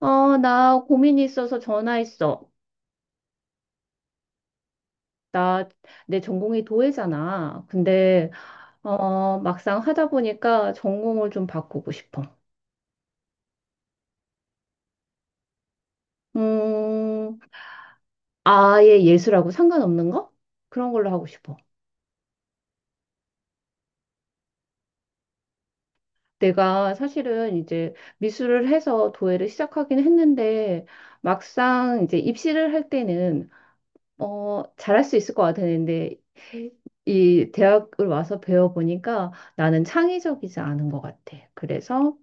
어, 나 고민이 있어서 전화했어. 나, 내 전공이 도예잖아. 근데, 어, 막상 하다 보니까 전공을 좀 바꾸고 싶어. 음, 아예 예술하고 상관없는 거? 그런 걸로 하고 싶어. 내가 사실은 이제 미술을 해서 도예를 시작하긴 했는데, 막상 이제 입시를 할 때는, 어, 잘할 수 있을 것 같았는데, 이 대학을 와서 배워보니까 나는 창의적이지 않은 것 같아. 그래서,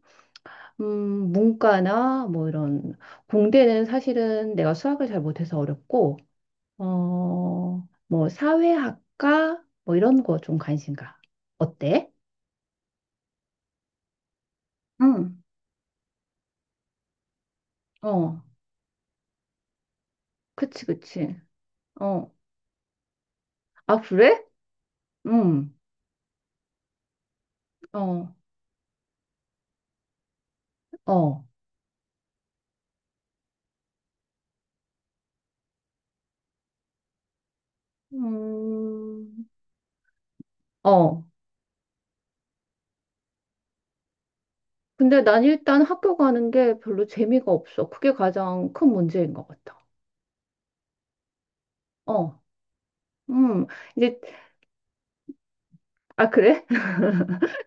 문과나 뭐 이런 공대는 사실은 내가 수학을 잘 못해서 어렵고 어, 뭐 사회학과 뭐 이런 거 좀 관심 가. 어때? 응. 어, 그치, 그치. 어, 아, 그래? 음, 어, 어, 음, 어. 근데 난 일단 학교 가는 게 별로 재미가 없어. 그게 가장 큰 문제인 것 같아. 어, 음, 이제, 아, 그래?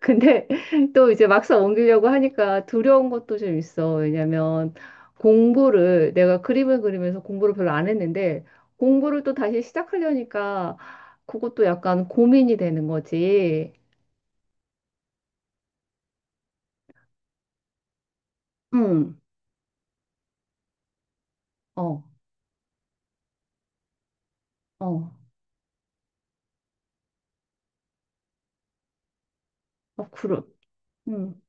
근데 또 이제 막상 옮기려고 하니까 두려운 것도 좀 있어. 왜냐면 공부를 내가 그림을 그리면서 공부를 별로 안 했는데 공부를 또 다시 시작하려니까 그것도 약간 고민이 되는 거지. 응, 어, 어, 어, 그래. 응,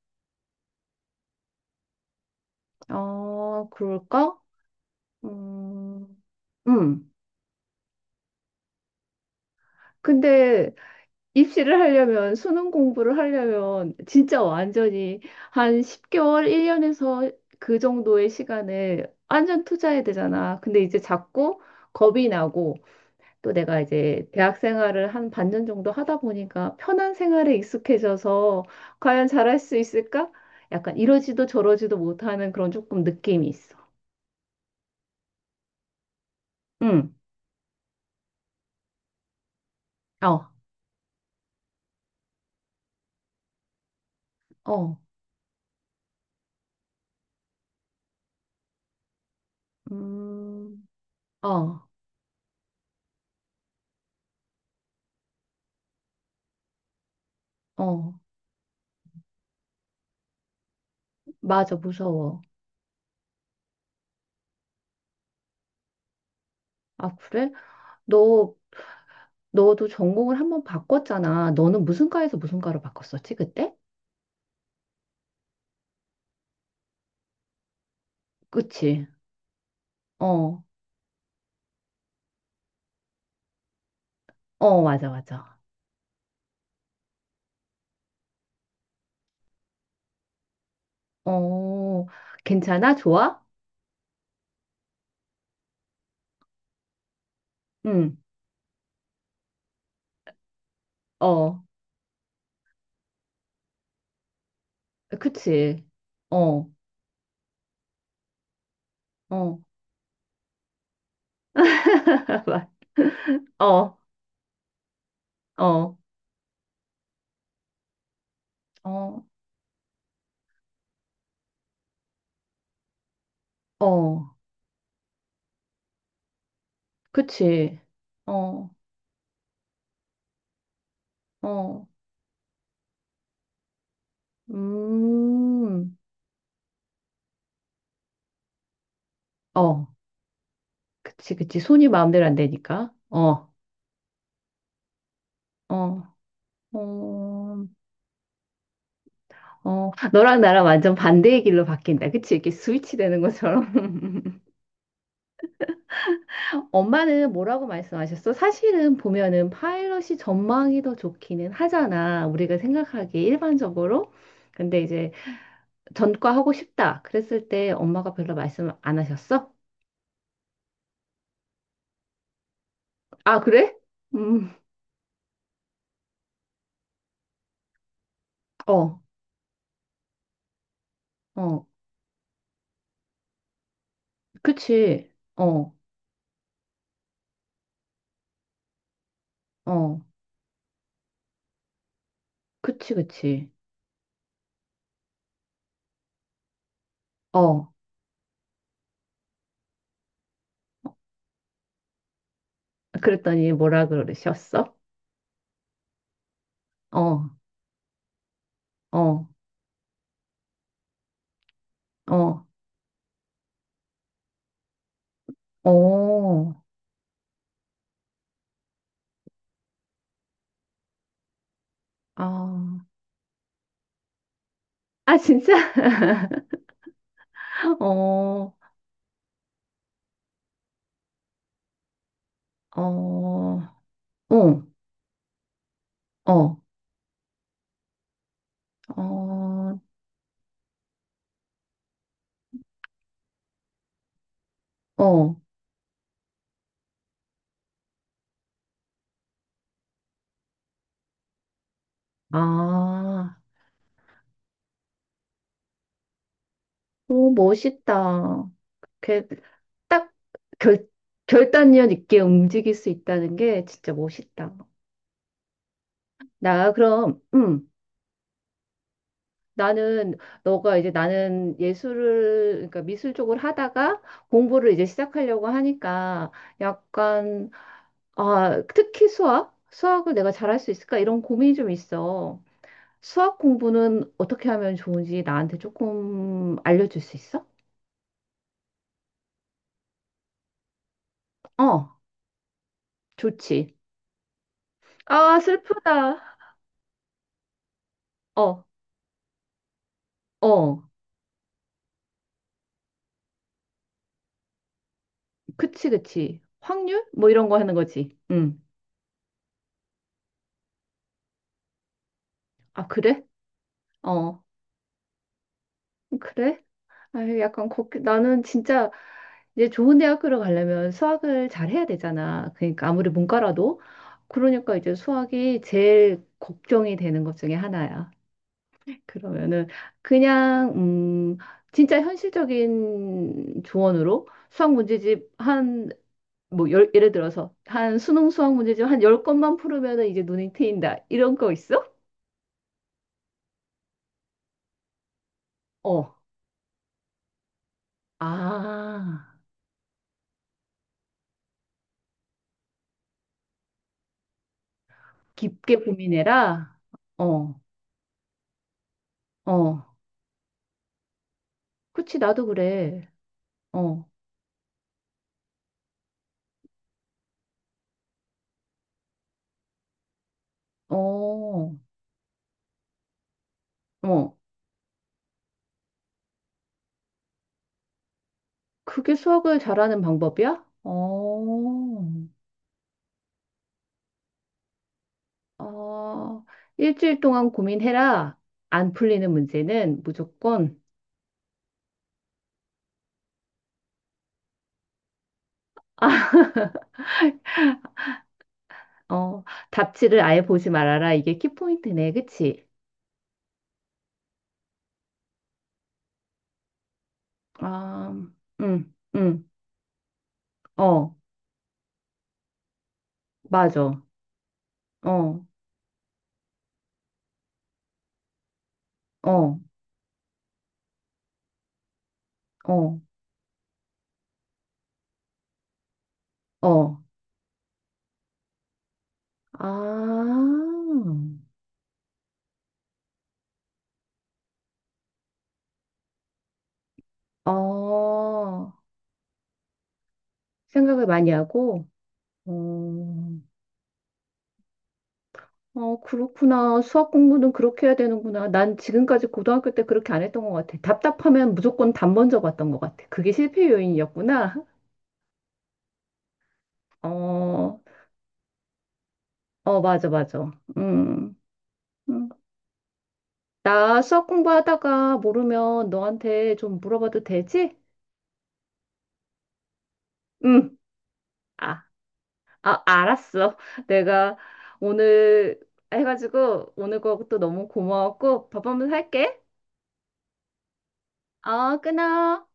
어, 그럴까? 음, 응. 근데 입시를 하려면, 수능 공부를 하려면, 진짜 완전히 한 10개월, 1년에서 그 정도의 시간을 완전 투자해야 되잖아. 근데 이제 자꾸 겁이 나고, 또 내가 이제 대학 생활을 한 반년 정도 하다 보니까 편한 생활에 익숙해져서 과연 잘할 수 있을까? 약간 이러지도 저러지도 못하는 그런 조금 느낌이 있어. 응, 어, 어, 음, 어, 어, 맞아, 무서워. 아, 그래? 너 너도 전공을 한번 바꿨잖아. 너는 무슨 과에서 무슨 과로 바꿨었지, 그때? 그치? 어, 어, 맞아, 맞아. 어, 괜찮아? 좋아? 응, 어, 그치? 어, 어, 어, 어, 어, 어, 그치? 어, 어, 음, 어, 그치, 그치. 손이 마음대로 안 되니까. 어, 어, 어, 어, 너랑 나랑 완전 반대의 길로 바뀐다. 그치? 이렇게 스위치 되는 것처럼. 엄마는 뭐라고 말씀하셨어? 사실은 보면은 파일럿이 전망이 더 좋기는 하잖아. 우리가 생각하기에 일반적으로. 근데 이제 전과 하고 싶다. 그랬을 때 엄마가 별로 말씀 안 하셨어? 아, 그래? 음, 어, 어, 그치. 어, 어, 그치, 그치. 어, 그랬더니 뭐라 그러셨어? 어, 어, 어, 어, 아. 아, 진짜? 어, 어, 어, 어, 어, 어. 아, 오, 멋있다. 그, 딱 결, 결단력 있게 움직일 수 있다는 게 진짜 멋있다. 나, 그럼, 나는, 너가 이제 나는 예술을, 그러니까 미술 쪽을 하다가 공부를 이제 시작하려고 하니까 약간, 아, 특히 수학? 수학을 내가 잘할 수 있을까? 이런 고민이 좀 있어. 수학 공부는 어떻게 하면 좋은지 나한테 조금 알려줄 수 있어? 어, 좋지. 아, 슬프다. 어, 어, 그치, 그치. 확률? 뭐 이런 거 하는 거지. 응. 아, 그래? 어, 그래? 아유, 약간 걱 나는 진짜 이제 좋은 대학교를 가려면 수학을 잘 해야 되잖아. 그러니까 아무리 문과라도. 그러니까 이제 수학이 제일 걱정이 되는 것 중에 하나야. 그러면은 그냥 진짜 현실적인 조언으로 수학 문제집 한 뭐 열, 예를 들어서 한 수능 수학 문제집 한 열건만 풀으면은 이제 눈이 트인다. 이런 거 있어? 어. 아. 깊게 고민해라. 어. 어. 그치 나도 그래. 어. 어. 어. 그게 수학을 잘하는 방법이야? 어. 어, 일주일 동안 고민해라. 안 풀리는 문제는 무조건, 어, 답지를 아예 보지 말아라. 이게 키포인트네. 그치? 아, 응, 응, 어, 맞아. 어, 어, 어, 어. 아, 어, 생각을 많이 하고, 어, 어, 그렇구나. 수학 공부는 그렇게 해야 되는구나. 난 지금까지 고등학교 때 그렇게 안 했던 것 같아. 답답하면 무조건 답 먼저 봤던 것 같아. 그게 실패 요인이었구나. 어, 어, 맞아, 맞아. 음, 음. 나 수학 공부하다가 모르면 너한테 좀 물어봐도 되지? 응. 아, 아, 알았어. 내가 오늘 해가지고 오늘 거또 너무 고마웠고 밥 한번 살게. 어, 끊어.